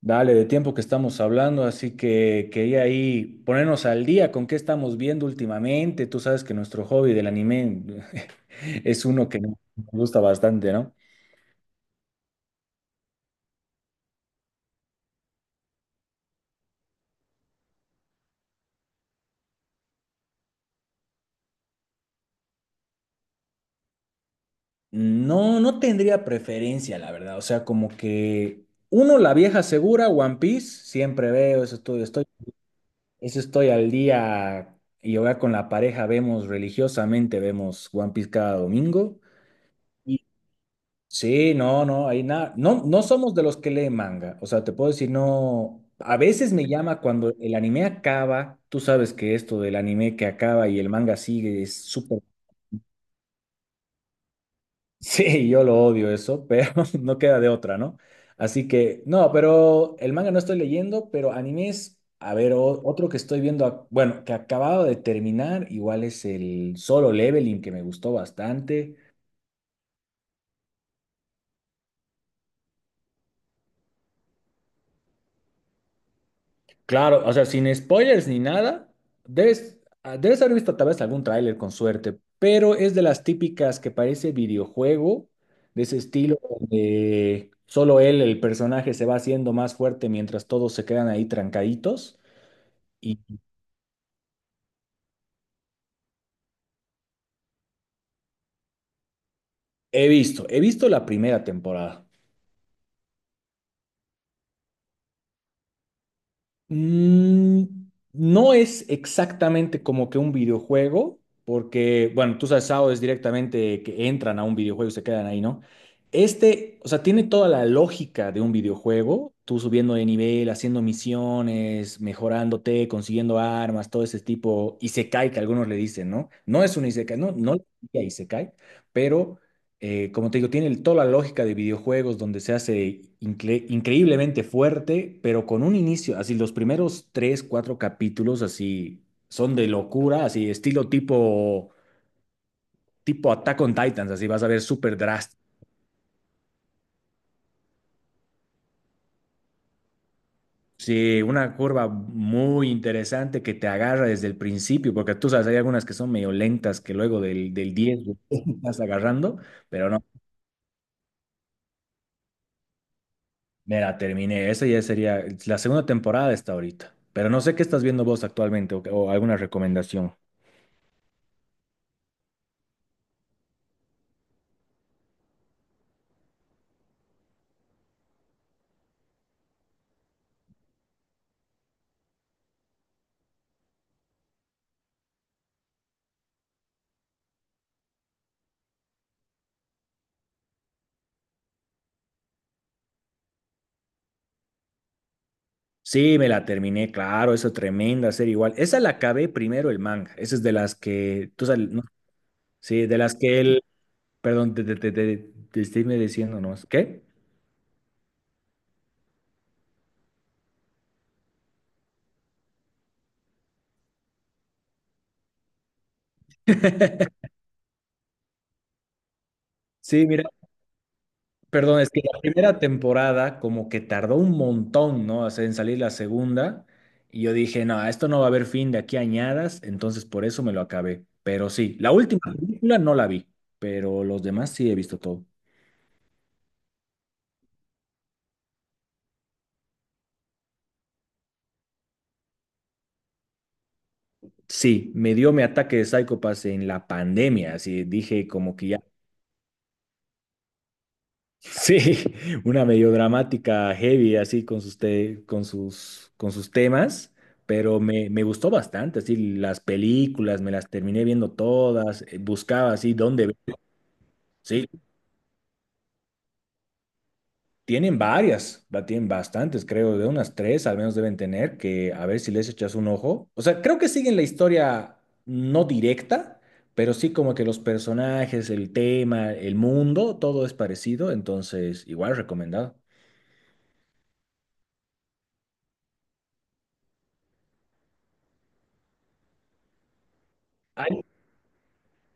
Dale, de tiempo que estamos hablando, así que quería ahí ponernos al día con qué estamos viendo últimamente. Tú sabes que nuestro hobby del anime es uno que nos gusta bastante, ¿no? No, no tendría preferencia, la verdad. O sea, como que uno, la vieja segura, One Piece, siempre veo, eso estoy, eso estoy al día y ahora con la pareja vemos religiosamente, vemos One Piece cada domingo. Sí, no, no, hay nada. No, no somos de los que leen manga. O sea, te puedo decir, no. A veces me llama cuando el anime acaba. Tú sabes que esto del anime que acaba y el manga sigue es súper. Sí, yo lo odio eso, pero no queda de otra, ¿no? Así que, no, pero el manga no estoy leyendo, pero animes. A ver, otro que estoy viendo, bueno, que acababa de terminar, igual es el Solo Leveling, que me gustó bastante. Claro, o sea, sin spoilers ni nada, debes, ah, debes haber visto tal vez algún tráiler con suerte, pero es de las típicas que parece videojuego, de ese estilo donde solo él, el personaje, se va haciendo más fuerte mientras todos se quedan ahí trancaditos. Y he visto la primera temporada. Mm, no es exactamente como que un videojuego, porque, bueno, tú sabes, SAO es directamente que entran a un videojuego y se quedan ahí, ¿no? Este, o sea, tiene toda la lógica de un videojuego, tú subiendo de nivel, haciendo misiones, mejorándote, consiguiendo armas, todo ese tipo, isekai que algunos le dicen, ¿no? No es un isekai, no, no le diría isekai, pero como te digo, tiene toda la lógica de videojuegos donde se hace increíblemente fuerte, pero con un inicio, así los primeros tres, cuatro capítulos así son de locura, así estilo tipo, tipo Attack on Titans, así vas a ver súper drástico. Sí, una curva muy interesante que te agarra desde el principio, porque tú sabes, hay algunas que son medio lentas que luego del 10 estás agarrando, pero no. Me la terminé. Esa ya sería la segunda temporada está ahorita. Pero no sé qué estás viendo vos actualmente o alguna recomendación. Sí, me la terminé, claro, esa tremenda serie igual. Esa la acabé primero el manga. Esa es de las que, tú sabes, ¿no? Sí, de las que él, perdón, te estoy diciendo, ¿no? ¿Qué? Sí, mira. Perdón, es que la primera temporada como que tardó un montón, ¿no? O sea, en salir la segunda. Y yo dije, no, a esto no va a haber fin de aquí añadas, entonces por eso me lo acabé. Pero sí, la última película no la vi, pero los demás sí he visto todo. Sí, me dio mi ataque de Psycho Pass en la pandemia, así dije como que ya. Sí, una medio dramática, heavy, así con sus, con sus, con sus temas, pero me gustó bastante, así las películas, me las terminé viendo todas, buscaba así dónde ver. Sí, tienen varias, tienen bastantes, creo, de unas tres al menos deben tener, que a ver si les echas un ojo. O sea, creo que siguen la historia no directa, pero sí como que los personajes, el tema, el mundo, todo es parecido, entonces igual recomendado.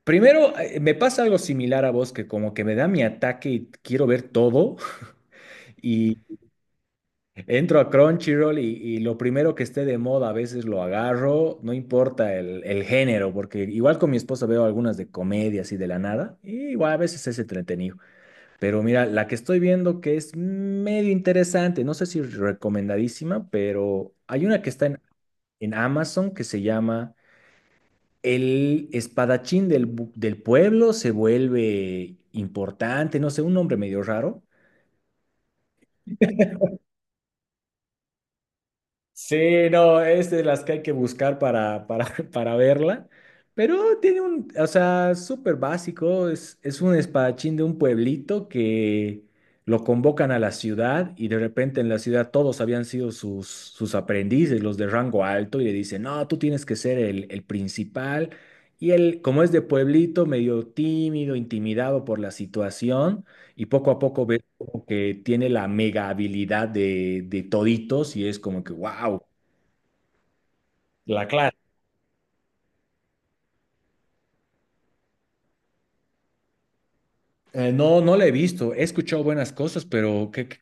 Primero, me pasa algo similar a vos, que como que me da mi ataque y quiero ver todo, y entro a Crunchyroll y lo primero que esté de moda a veces lo agarro, no importa el género, porque igual con mi esposa veo algunas de comedias y de la nada, y igual a veces es entretenido. Pero mira, la que estoy viendo que es medio interesante, no sé si recomendadísima, pero hay una que está en Amazon que se llama... El espadachín del pueblo se vuelve importante, no sé, un nombre medio raro. Sí, no, es de las que hay que buscar para verla. Pero tiene un, o sea, súper básico. Es un espadachín de un pueblito que lo convocan a la ciudad y de repente en la ciudad todos habían sido sus, sus aprendices, los de rango alto, y le dicen, no, tú tienes que ser el principal. Y él, como es de pueblito, medio tímido, intimidado por la situación, y poco a poco ve como que tiene la mega habilidad de toditos y es como que, wow, la clase. No, no la he visto. He escuchado buenas cosas, pero que-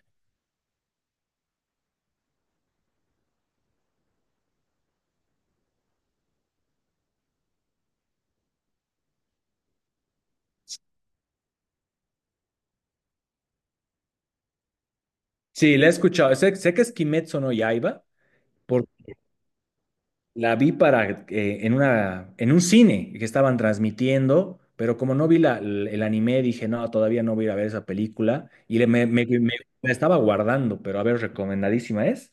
sí, la he escuchado. Sé, sé que es Kimetsu no Yaiba, porque la vi para, en una, en un cine que estaban transmitiendo, pero como no vi la, el anime, dije, no, todavía no voy a ir a ver esa película. Y me la estaba guardando, pero a ver, recomendadísima es.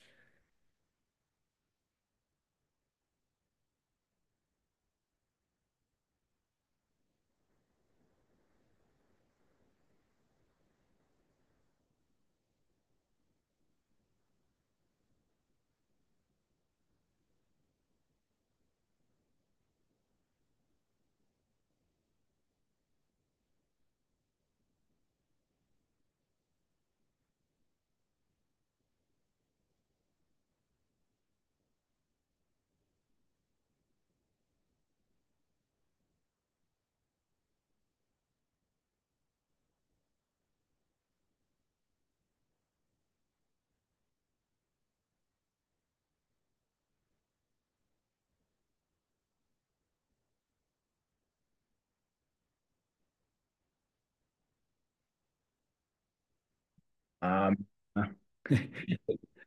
Ah,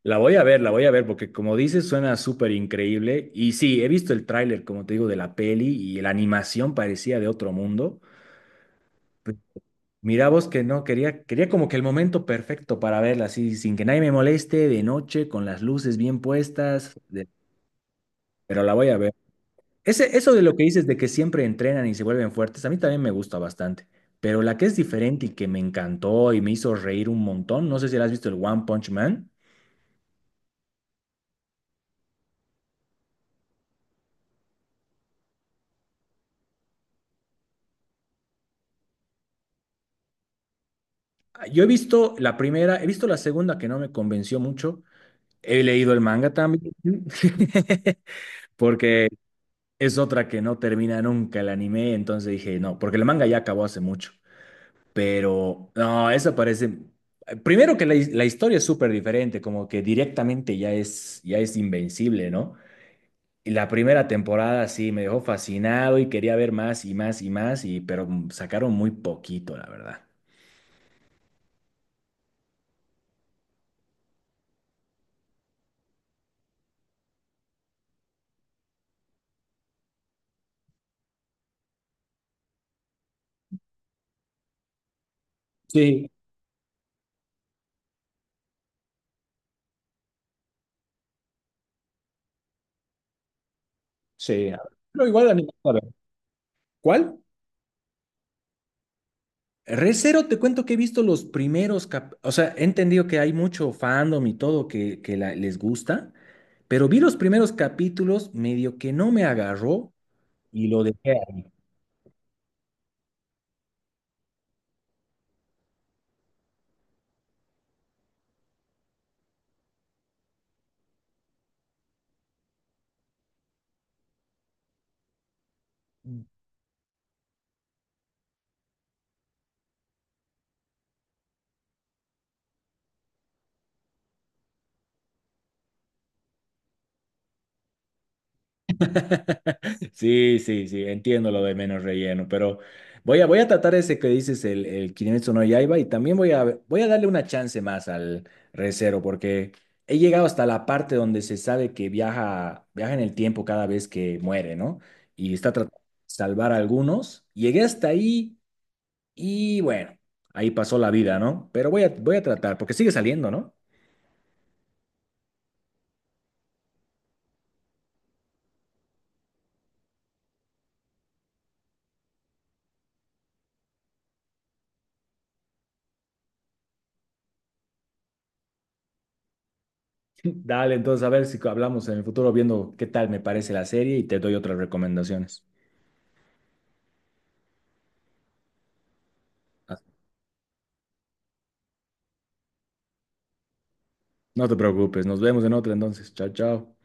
la voy a ver, la voy a ver, porque como dices, suena súper increíble. Y sí, he visto el tráiler, como te digo, de la peli y la animación parecía de otro mundo. Pe- Mira vos que no, quería como que el momento perfecto para verla, así, sin que nadie me moleste, de noche, con las luces bien puestas, de- pero la voy a ver. Ese, eso de lo que dices de que siempre entrenan y se vuelven fuertes, a mí también me gusta bastante. Pero la que es diferente y que me encantó y me hizo reír un montón, no sé si la has visto, el One Punch Man. Yo he visto la primera, he visto la segunda que no me convenció mucho. He leído el manga también, porque es otra que no termina nunca el anime, entonces dije, no, porque el manga ya acabó hace mucho. Pero no, esa parece... Primero que la, la historia es súper diferente, como que directamente ya es invencible, ¿no? Y la primera temporada sí me dejó fascinado y quería ver más y más y más, pero sacaron muy poquito, la verdad. Sí, sí. Pero igual anima a ver. ¿Cuál? Re:Zero, te cuento que he visto los primeros, o sea, he entendido que hay mucho fandom y todo que, les gusta, pero vi los primeros capítulos, medio que no me agarró y lo dejé ahí. Sí, sí, sí, entiendo lo de menos relleno, pero voy a tratar ese que dices, el Kimetsu no Yaiba, y también voy a darle una chance más al Re:Zero, porque he llegado hasta la parte donde se sabe que viaja, viaja en el tiempo cada vez que muere, ¿no? Y está tratando de salvar a algunos. Llegué hasta ahí y bueno, ahí pasó la vida, ¿no? Pero voy a tratar, porque sigue saliendo, ¿no? Dale, entonces a ver si hablamos en el futuro viendo qué tal me parece la serie y te doy otras recomendaciones. No te preocupes, nos vemos en otra entonces. Chao, chao.